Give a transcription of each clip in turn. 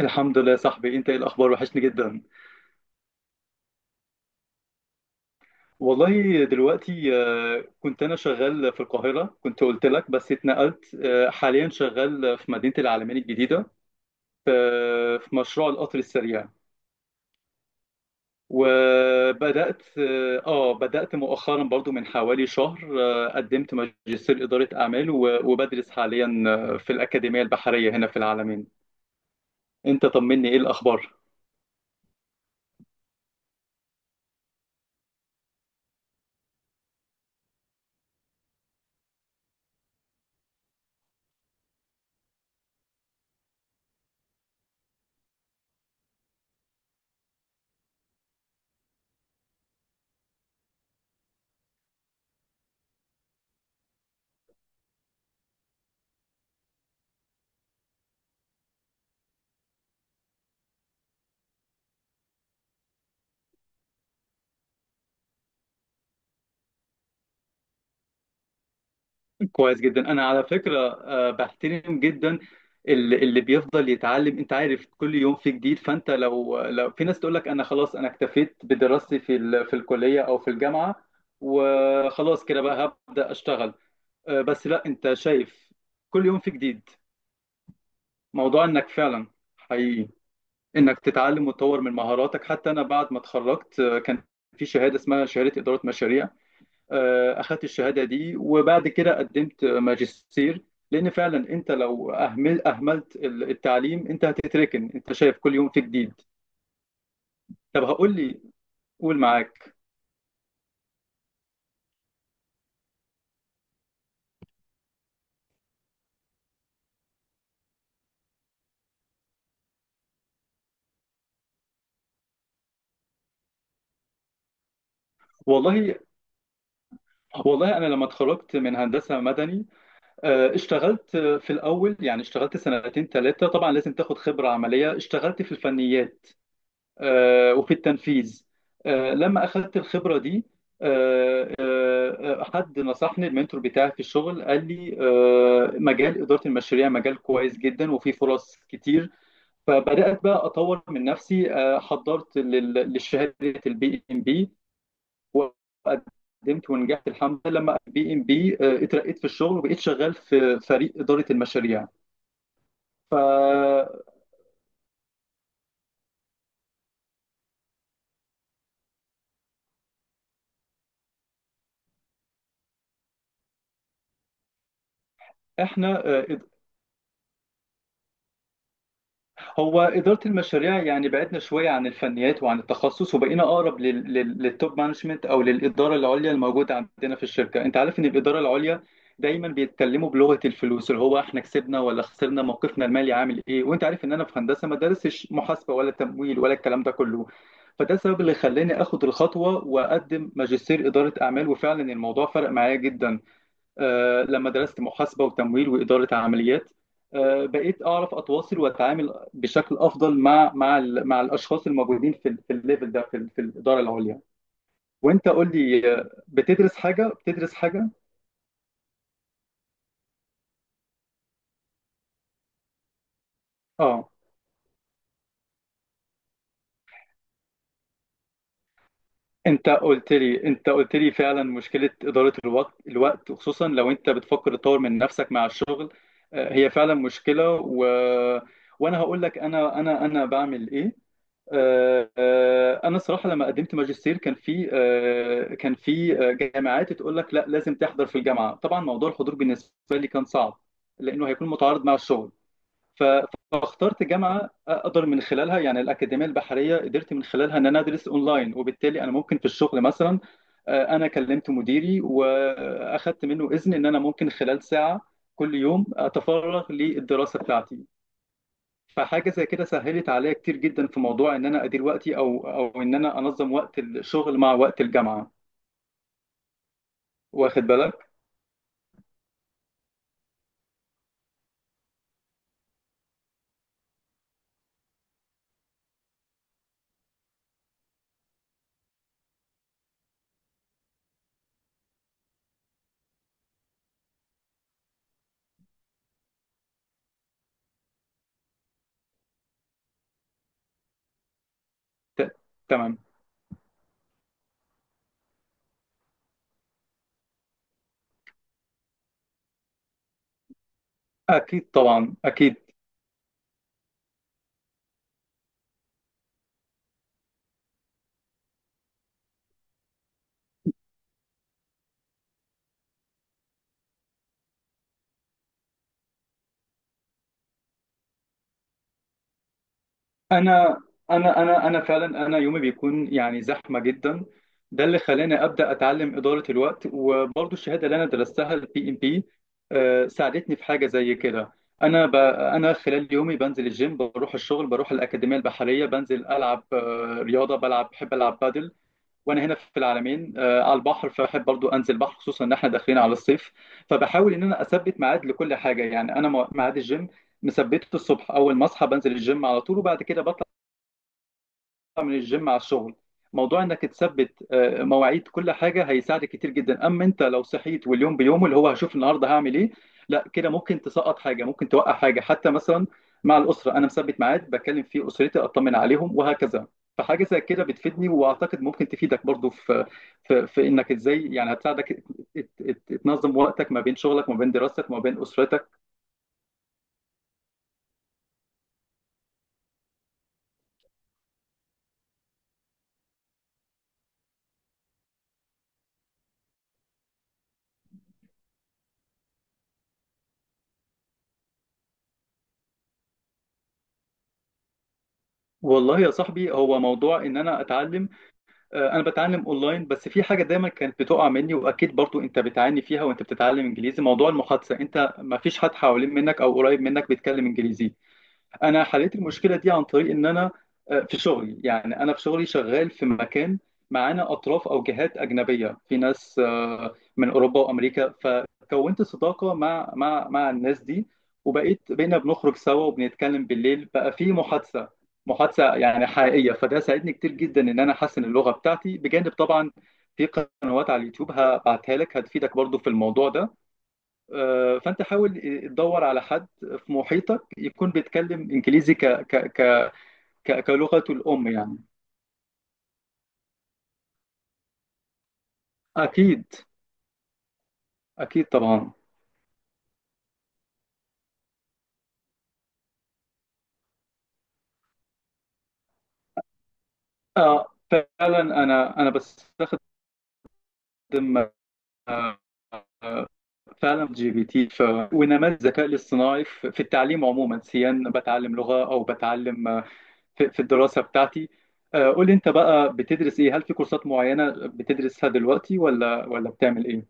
الحمد لله يا صاحبي، انت ايه الاخبار؟ وحشني جدا. والله دلوقتي، كنت انا شغال في القاهره، كنت قلت لك بس اتنقلت، حاليا شغال في مدينه العلمين الجديده. في مشروع القطر السريع. وبدات اه آه، بدات مؤخرا برضو من حوالي شهر. قدمت ماجستير اداره اعمال، وبدرس حاليا في الاكاديميه البحريه هنا في العلمين. انت طمني، ايه الاخبار؟ كويس جدا. انا على فكره بحترم جدا اللي بيفضل يتعلم. انت عارف كل يوم في جديد، فانت لو في ناس تقول لك انا خلاص، انا اكتفيت بدراستي في في الكليه او في الجامعه، وخلاص كده بقى هبدا اشتغل. بس لا، انت شايف كل يوم في جديد. موضوع انك فعلا حقيقي انك تتعلم وتطور من مهاراتك. حتى انا بعد ما اتخرجت، كان في شهاده اسمها شهاده اداره مشاريع. اخدت الشهاده دي وبعد كده قدمت ماجستير. لان فعلا انت لو اهملت التعليم انت هتتركن. انت شايف كل يوم في جديد. طب هقول لي، قول، معاك. والله، والله انا لما اتخرجت من هندسه مدني اشتغلت في الاول، يعني اشتغلت سنتين ثلاثه، طبعا لازم تاخد خبره عمليه. اشتغلت في الفنيات وفي التنفيذ. لما اخذت الخبره دي، حد نصحني، المنتور بتاعي في الشغل، قال لي مجال اداره المشاريع مجال كويس جدا وفيه فرص كتير. فبدات بقى اطور من نفسي. حضرت لشهاده البي ام بي وقدمت ونجحت الحمد لله. لما بي ام بي اترقيت في الشغل وبقيت شغال في فريق اداره المشاريع. فاحنا آه، هو إدارة المشاريع يعني بعدنا شوية عن الفنيات وعن التخصص، وبقينا أقرب للتوب مانجمنت، أو للإدارة العليا الموجودة عندنا في الشركة. أنت عارف إن الإدارة العليا دايما بيتكلموا بلغة الفلوس، اللي هو إحنا كسبنا ولا خسرنا، موقفنا المالي عامل إيه. وأنت عارف إن أنا في هندسة ما دارسش محاسبة ولا تمويل ولا الكلام ده كله، فده السبب اللي خلاني آخد الخطوة وأقدم ماجستير إدارة أعمال. وفعلا الموضوع فرق معايا جدا. لما درست محاسبة وتمويل وإدارة عمليات، بقيت أعرف أتواصل وأتعامل بشكل أفضل مع الأشخاص الموجودين في في الليفل ده، في في الإدارة العليا. وأنت قول لي، بتدرس حاجة أه. أنت قلت لي فعلا مشكلة إدارة الوقت، خصوصا لو أنت بتفكر تطور من نفسك مع الشغل. هي فعلا مشكلة. وأنا هقول لك أنا بعمل إيه. انا صراحه لما قدمت ماجستير كان في جامعات تقول لك لا، لازم تحضر في الجامعه. طبعا موضوع الحضور بالنسبه لي كان صعب، لانه هيكون متعارض مع الشغل. ف- فاخترت جامعه اقدر من خلالها، يعني الاكاديميه البحريه قدرت من خلالها ان انا ادرس اونلاين، وبالتالي انا ممكن في الشغل مثلا، انا كلمت مديري واخدت منه اذن ان انا ممكن خلال ساعه كل يوم اتفرغ للدراسه بتاعتي. فحاجه زي كده سهلت عليا كتير جدا في موضوع ان انا ادير وقتي، او ان انا انظم وقت الشغل مع وقت الجامعه. واخد بالك؟ ت- تمام. اكيد طبعا، اكيد. انا انا فعلا انا يومي بيكون يعني زحمه جدا. ده اللي خلاني ابدا اتعلم اداره الوقت، وبرضو الشهاده اللي انا درستها البي ام بي ساعدتني في حاجه زي كده. انا خلال يومي بنزل الجيم، بروح الشغل، بروح الاكاديميه البحريه، بنزل العب رياضه، بلعب، بحب العب بادل. وانا هنا في العلمين على البحر، فبحب برضو انزل بحر، خصوصا ان احنا داخلين على الصيف. فبحاول ان انا اثبت ميعاد لكل حاجه، يعني انا ميعاد الجيم مثبته الصبح، اول ما اصحى بنزل الجيم على طول، وبعد كده من الجيم على الشغل. موضوع انك تثبت مواعيد كل حاجه هيساعدك كتير جدا، اما انت لو صحيت واليوم بيومه، اللي هو هشوف النهارده هعمل ايه، لا، كده ممكن تسقط حاجه، ممكن توقع حاجه. حتى مثلا مع الاسره انا مثبت ميعاد بكلم فيه اسرتي، اطمن عليهم، وهكذا. فحاجه زي كده بتفيدني، واعتقد ممكن تفيدك برضو في انك ازاي، يعني هتساعدك تنظم وقتك ما بين شغلك، ما بين دراستك، ما بين اسرتك. والله يا صاحبي، هو موضوع ان انا اتعلم انا بتعلم اونلاين، بس في حاجه دايما كانت بتقع مني، واكيد برضو انت بتعاني فيها وانت بتتعلم انجليزي، موضوع المحادثه. انت ما فيش حد حوالين منك او قريب منك بيتكلم انجليزي. انا حليت المشكله دي عن طريق ان انا في شغلي، يعني انا في شغلي شغال في مكان معانا اطراف او جهات اجنبيه، في ناس من اوروبا وامريكا، فكونت صداقه مع الناس دي. بقينا بنخرج سوا وبنتكلم بالليل، بقى في محادثه، محادثه يعني حقيقيه. فده ساعدني كتير جدا ان انا احسن اللغه بتاعتي، بجانب طبعا في قنوات على اليوتيوب هبعتها لك، هتفيدك برضو في الموضوع ده. فانت حاول تدور على حد في محيطك يكون بيتكلم انجليزي كلغته الام يعني. اكيد، اكيد طبعا. فعلا انا بستخدم، آه، آه، فعلا جي بي تي ونماذج الذكاء الاصطناعي في التعليم عموما، سيان بتعلم لغة او بتعلم، في الدراسة بتاعتي. قول لي انت بقى بتدرس ايه، هل في كورسات معينة بتدرسها دلوقتي ولا بتعمل ايه؟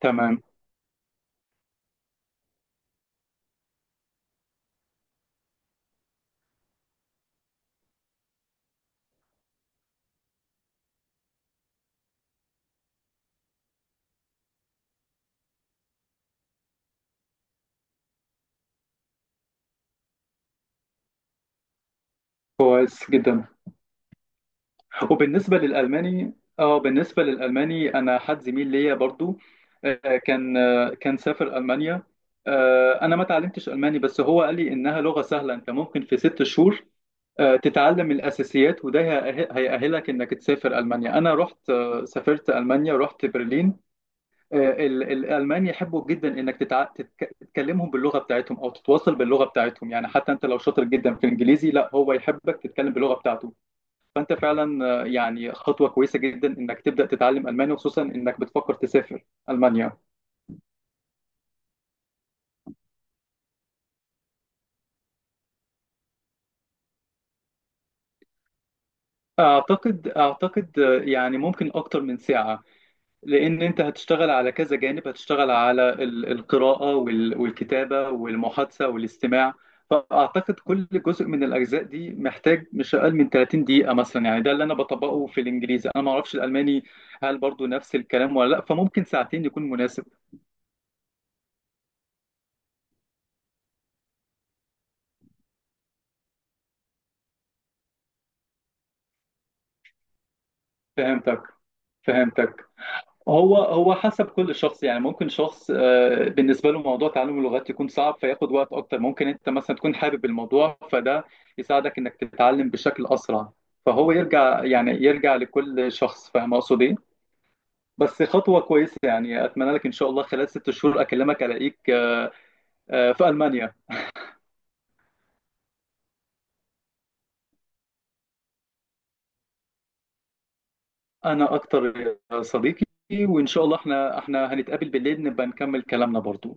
تمام. كويس جدا. وبالنسبة للألماني اه بالنسبة للألماني، أنا حد زميل ليا برضو، كان سافر ألمانيا. أنا ما تعلمتش ألماني، بس هو قال لي إنها لغة سهلة، أنت ممكن في ست شهور تتعلم الأساسيات، وده هيأهلك إنك تسافر ألمانيا. أنا رحت آه، سافرت ألمانيا، رحت برلين. آه، الألمان يحبوا جدا إنك تتكلمهم باللغة بتاعتهم أو تتواصل باللغة بتاعتهم، يعني حتى أنت لو شاطر جدا في الإنجليزي، لا، هو يحبك تتكلم باللغة بتاعته. فانت فعلا، يعني خطوه كويسه جدا انك تبدا تتعلم الماني، وخصوصا انك بتفكر تسافر المانيا. اعتقد يعني ممكن اكتر من ساعه، لان انت هتشتغل على كذا جانب، هتشتغل على القراءه والكتابه والمحادثه والاستماع. فاعتقد كل جزء من الاجزاء دي محتاج مش اقل من 30 دقيقه مثلا، يعني ده اللي انا بطبقه في الانجليزي. انا ما اعرفش الالماني، هل برضو نفس الكلام ولا لا، فممكن ساعتين يكون مناسب. فهمتك، فهمتك. هو حسب كل شخص، يعني ممكن شخص بالنسبه له موضوع تعلم اللغات يكون صعب فياخد وقت اكتر، ممكن انت مثلا تكون حابب الموضوع فده يساعدك انك تتعلم بشكل اسرع. فهو يرجع لكل شخص، فاهم اقصد ايه. بس خطوه كويسه، يعني اتمنى لك ان شاء الله خلال ست شهور اكلمك الاقيك في المانيا. انا اكتر يا صديقي. وان شاء الله احنا هنتقابل بالليل، نبقى نكمل كلامنا برضو.